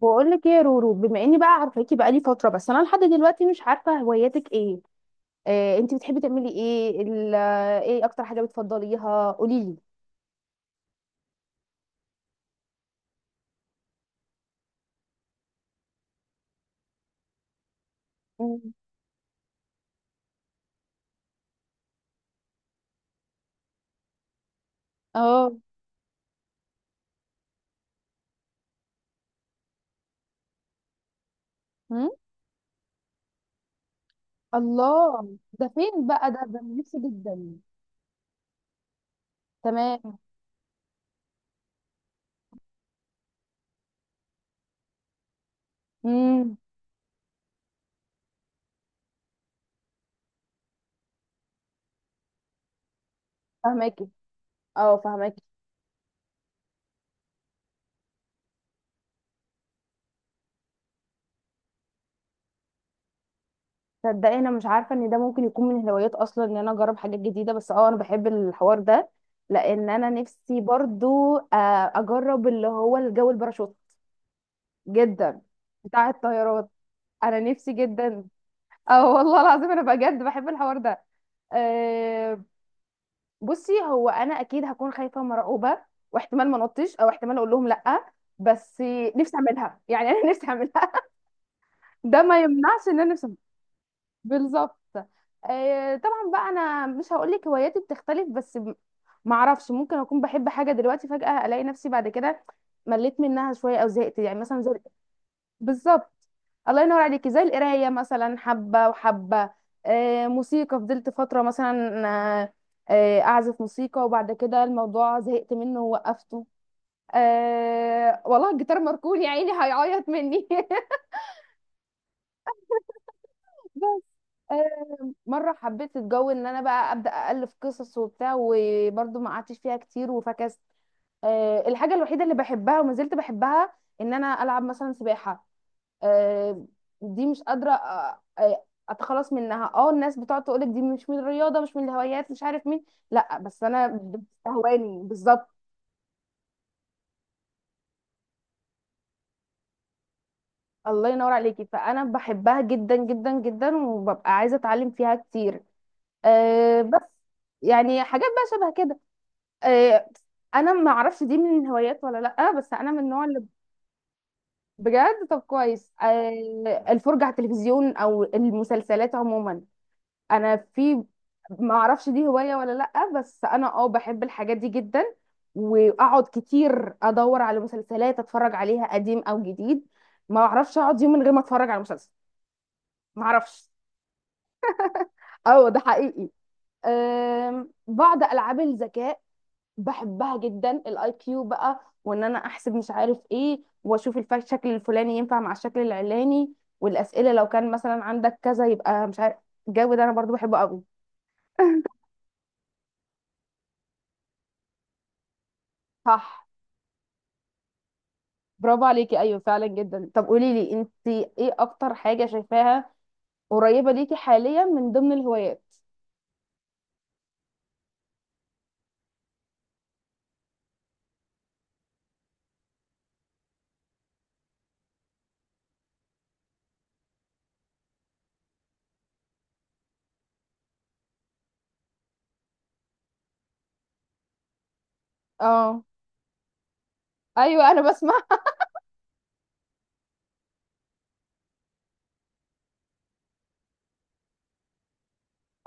بقول لك ايه يا رورو، بما اني بقى عارفاكي بقالي فتره، بس انا لحد دلوقتي مش عارفه هواياتك ايه؟ انت بتحبي تعملي ايه ايه اكتر حاجه بتفضليها؟ قولي لي. مم. اه. هم؟ الله. ده فين بقى؟ ده أنا نفسي جدا. تمام. امم. فهماكي. اه، فهماكي. تصدقي، انا مش عارفه ان ده ممكن يكون من الهوايات اصلا، ان انا اجرب حاجات جديده، بس انا بحب الحوار ده. لان انا نفسي برضو اجرب اللي هو الجو الباراشوت جدا. بتاع الطيارات. انا نفسي جدا. اه، والله العظيم انا بجد بحب الحوار ده. أه. بصي، هو انا اكيد هكون خايفه ومرعوبه، واحتمال ما نطش، او احتمال اقول لهم لا. بس نفسي اعملها يعني. انا نفسي اعملها. ده ما يمنعش ان انا نفسي أعملها. بالظبط. أه، طبعا بقى انا مش هقول لك هواياتي بتختلف، بس ما اعرفش، ممكن اكون بحب حاجه دلوقتي فجاه الاقي نفسي بعد كده مليت منها شويه او زهقت يعني مثلا. بالظبط. الله ينور عليكي. زي القرايه مثلا، حبه وحبه. موسيقى فضلت فتره مثلا. آه. اعزف موسيقى، وبعد كده الموضوع زهقت منه ووقفته. آه، والله الجيتار مركون، يا عيني هيعيط مني. بس. مره حبيت الجو ان انا بقى ابدا الف قصص وبتاع، وبرضه ما قعدتش فيها كتير وفكست. الحاجه الوحيده اللي بحبها وما زلت بحبها، ان انا العب مثلا سباحه. آه. دي مش قادرة اتخلص منها. اه الناس بتقعد تقولك دي مش من الرياضة، مش من الهوايات، مش عارف مين. لا بس انا بتستهواني بالظبط. الله ينور عليكي، فانا بحبها جدا جدا جدا، وببقى عايزة اتعلم فيها كتير. أه بس. يعني حاجات بقى شبه كده. أه. انا ما اعرفش دي من الهوايات ولا لا، بس انا من النوع اللي. بجد؟ طب كويس. الفرجة على التلفزيون او المسلسلات عموما. انا في. ما اعرفش دي هواية ولا لأ، بس انا بحب الحاجات دي جدا. واقعد كتير ادور على مسلسلات اتفرج عليها قديم او جديد. ما اعرفش اقعد يوم من غير ما اتفرج على مسلسل. ما اعرفش. اه، ده حقيقي. بعض العاب الذكاء بحبها جدا، الـIQ بقى، وان انا احسب مش عارف ايه، واشوف الشكل الفلاني ينفع مع الشكل العلاني، والاسئله لو كان مثلا عندك كذا يبقى مش عارف. الجو ده انا برضو بحبه قوي. صح. برافو عليكي، ايوه فعلا جدا. طب قولي لي، انت ايه اكتر حاجه شايفاها قريبه ليكي حاليا من ضمن الهوايات؟ اه. ايوه انا بسمع.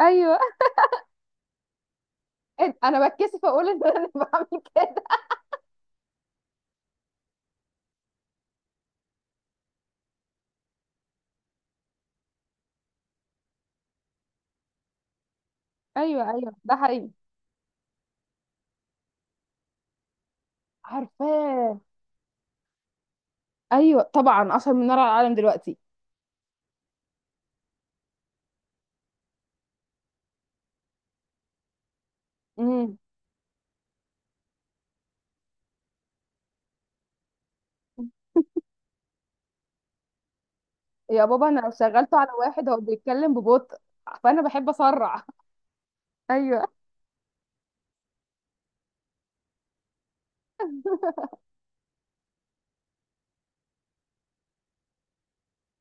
ايوه. إيه، انا بتكسف اقول ان انا بعمل كده. ايوه، ايوه، ده حقيقي. عارفاه. ايوه طبعا، اشهر من نار على العالم دلوقتي. امم. يا بابا، انا لو شغلته على واحد هو بيتكلم ببطء، فانا بحب اسرع. ايوه.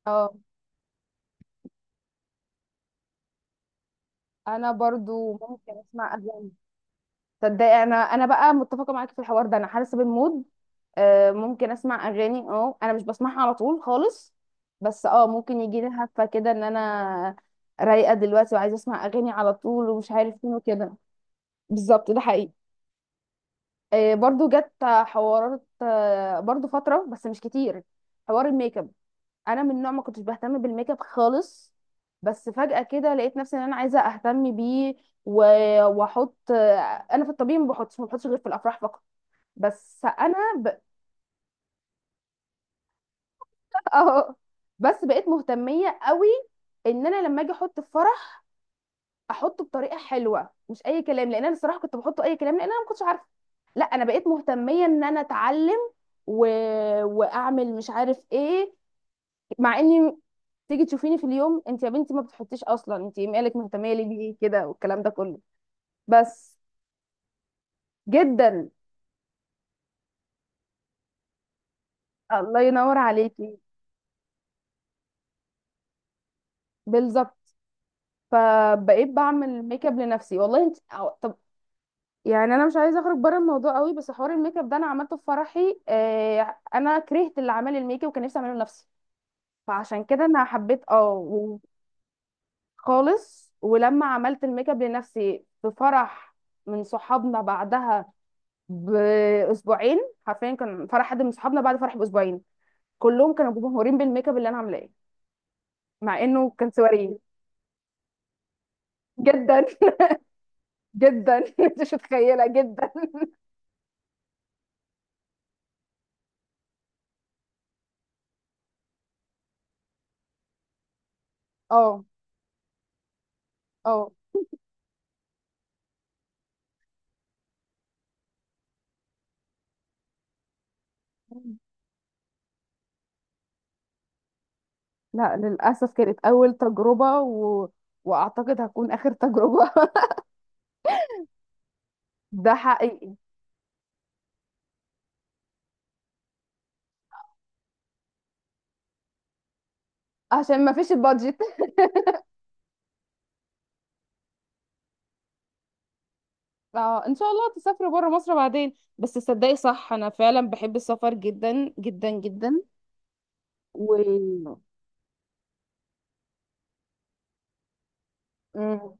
اه، انا برضو ممكن اسمع اغاني. تصدقي، انا بقى متفقه معاكي في الحوار ده، انا حاسه بالمود. ممكن اسمع اغاني، انا مش بسمعها على طول خالص. بس ممكن يجي لي هفه كده ان انا رايقه دلوقتي وعايزه اسمع اغاني على طول ومش عارف فين وكده. بالظبط، ده حقيقي. برضو جت حوارات برضو فتره، بس مش كتير. حوار الميك اب. انا من نوع ما كنتش بهتم بالميك اب خالص. بس فجاه كده لقيت نفسي ان انا عايزه اهتم بيه. واحط انا في الطبيعي ما بحطش غير في الافراح فقط. بس انا اه، بس بقيت مهتميه قوي، ان انا لما اجي احط في فرح احطه بطريقه حلوه، مش اي كلام، لان انا الصراحه كنت بحطه اي كلام، لان انا ما كنتش عارفه. لا، انا بقيت مهتميه ان انا اتعلم و... واعمل مش عارف ايه. مع اني تيجي تشوفيني في اليوم انت يا بنتي ما بتحطيش اصلا، انت مالك مهتميه ليه بيه كده والكلام ده كله، بس جدا. الله ينور عليكي. بالظبط. فبقيت بعمل ميك اب لنفسي والله، انت طب. يعني انا مش عايزه اخرج بره الموضوع قوي، بس حوار الميك اب ده انا عملته في فرحي، انا كرهت اللي عمل الميك اب وكان نفسي اعمله لنفسي. فعشان كده انا حبيت خالص. ولما عملت الميك اب لنفسي في فرح من صحابنا بعدها باسبوعين، حرفيا كان فرح حد من صحابنا بعد فرح باسبوعين، كلهم كانوا مبهورين بالميك اب اللي انا عاملاه، مع انه كان سواريه. جدا. جدا. انت مش متخيله جدا. اه، اه. لا للأسف كانت أول تجربة وأعتقد هتكون آخر تجربة. ده حقيقي. عشان ما فيش البادجت. فإن شاء الله تسافري بره مصر بعدين. بس تصدقي، صح، أنا فعلا بحب السفر جدا جدا جدا. و. مم.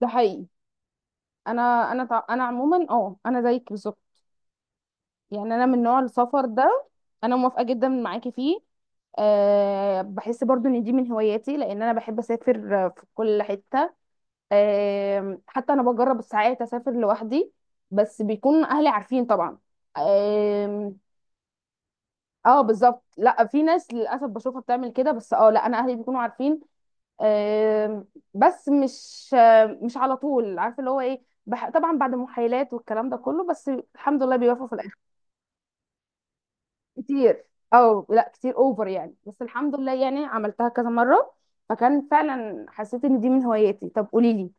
ده حقيقي. أنا عموما أنا زيك بالظبط، يعني أنا من نوع السفر ده. أنا موافقة جدا معاكي فيه. أه، بحس برضو إن دي من هواياتي، لأن أنا بحب أسافر في كل حتة. حتى انا بجرب ساعات اسافر لوحدي، بس بيكون اهلي عارفين طبعا. آم. اه بالظبط، لا في ناس للاسف بشوفها بتعمل كده، بس لا انا اهلي بيكونوا عارفين. آم. بس مش مش على طول عارفه اللي هو ايه طبعا بعد محايلات والكلام ده كله، بس الحمد لله بيوافقوا في الاخر. كتير. اه، لا كتير اوفر يعني، بس الحمد لله يعني عملتها كذا مره، فكان فعلا حسيت ان دي من هواياتي. طب قولي لي،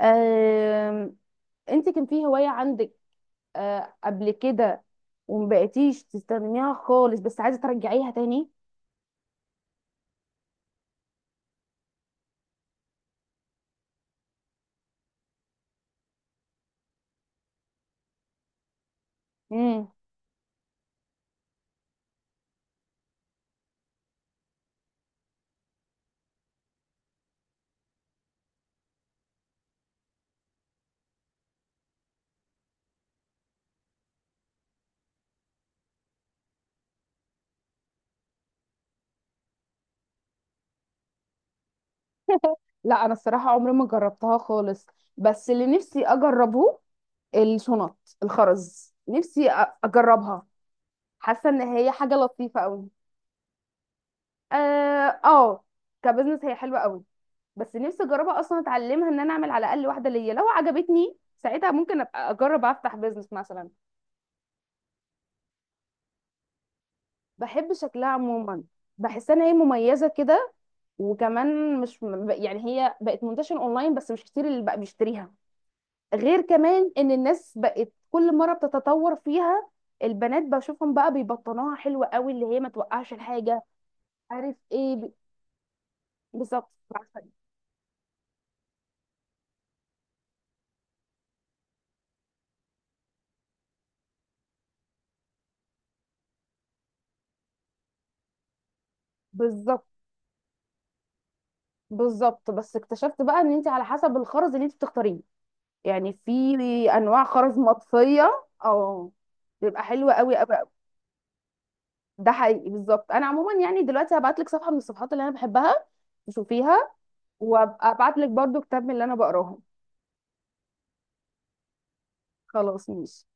آم، انت كان في هوايه عندك قبل كده ومبقيتيش تستخدميها خالص بس عايزه ترجعيها تاني؟ امم. لا انا الصراحه عمري ما جربتها خالص. بس اللي نفسي اجربه، الشنط الخرز، نفسي اجربها. حاسه ان هي حاجه لطيفه قوي. اه. آه، كبزنس هي حلوه قوي. بس نفسي اجربها اصلا، اتعلمها ان انا اعمل على الاقل واحده ليا، لو عجبتني ساعتها ممكن ابقى اجرب افتح بزنس مثلا. بحب شكلها عموما. بحس ان هي مميزه كده. وكمان مش، يعني هي بقت منتشرة اونلاين، بس مش كتير اللي بقى بيشتريها. غير كمان ان الناس بقت كل مرة بتتطور فيها. البنات بشوفهم بقى بيبطنوها حلوة قوي، اللي هي ما توقعش الحاجة. عارف ايه بالظبط، عارفة إيه؟ بالظبط. بالظبط، بس اكتشفت بقى ان انت على حسب الخرز اللي انت بتختاريه، يعني في انواع خرز مطفية. اه، بتبقى حلوة قوي قوي قوي. ده حقيقي بالظبط. انا عموما يعني دلوقتي هبعت لك صفحة من الصفحات اللي انا بحبها تشوفيها، وابقى ابعت لك برضو كتاب من اللي انا بقراهم. خلاص ماشي.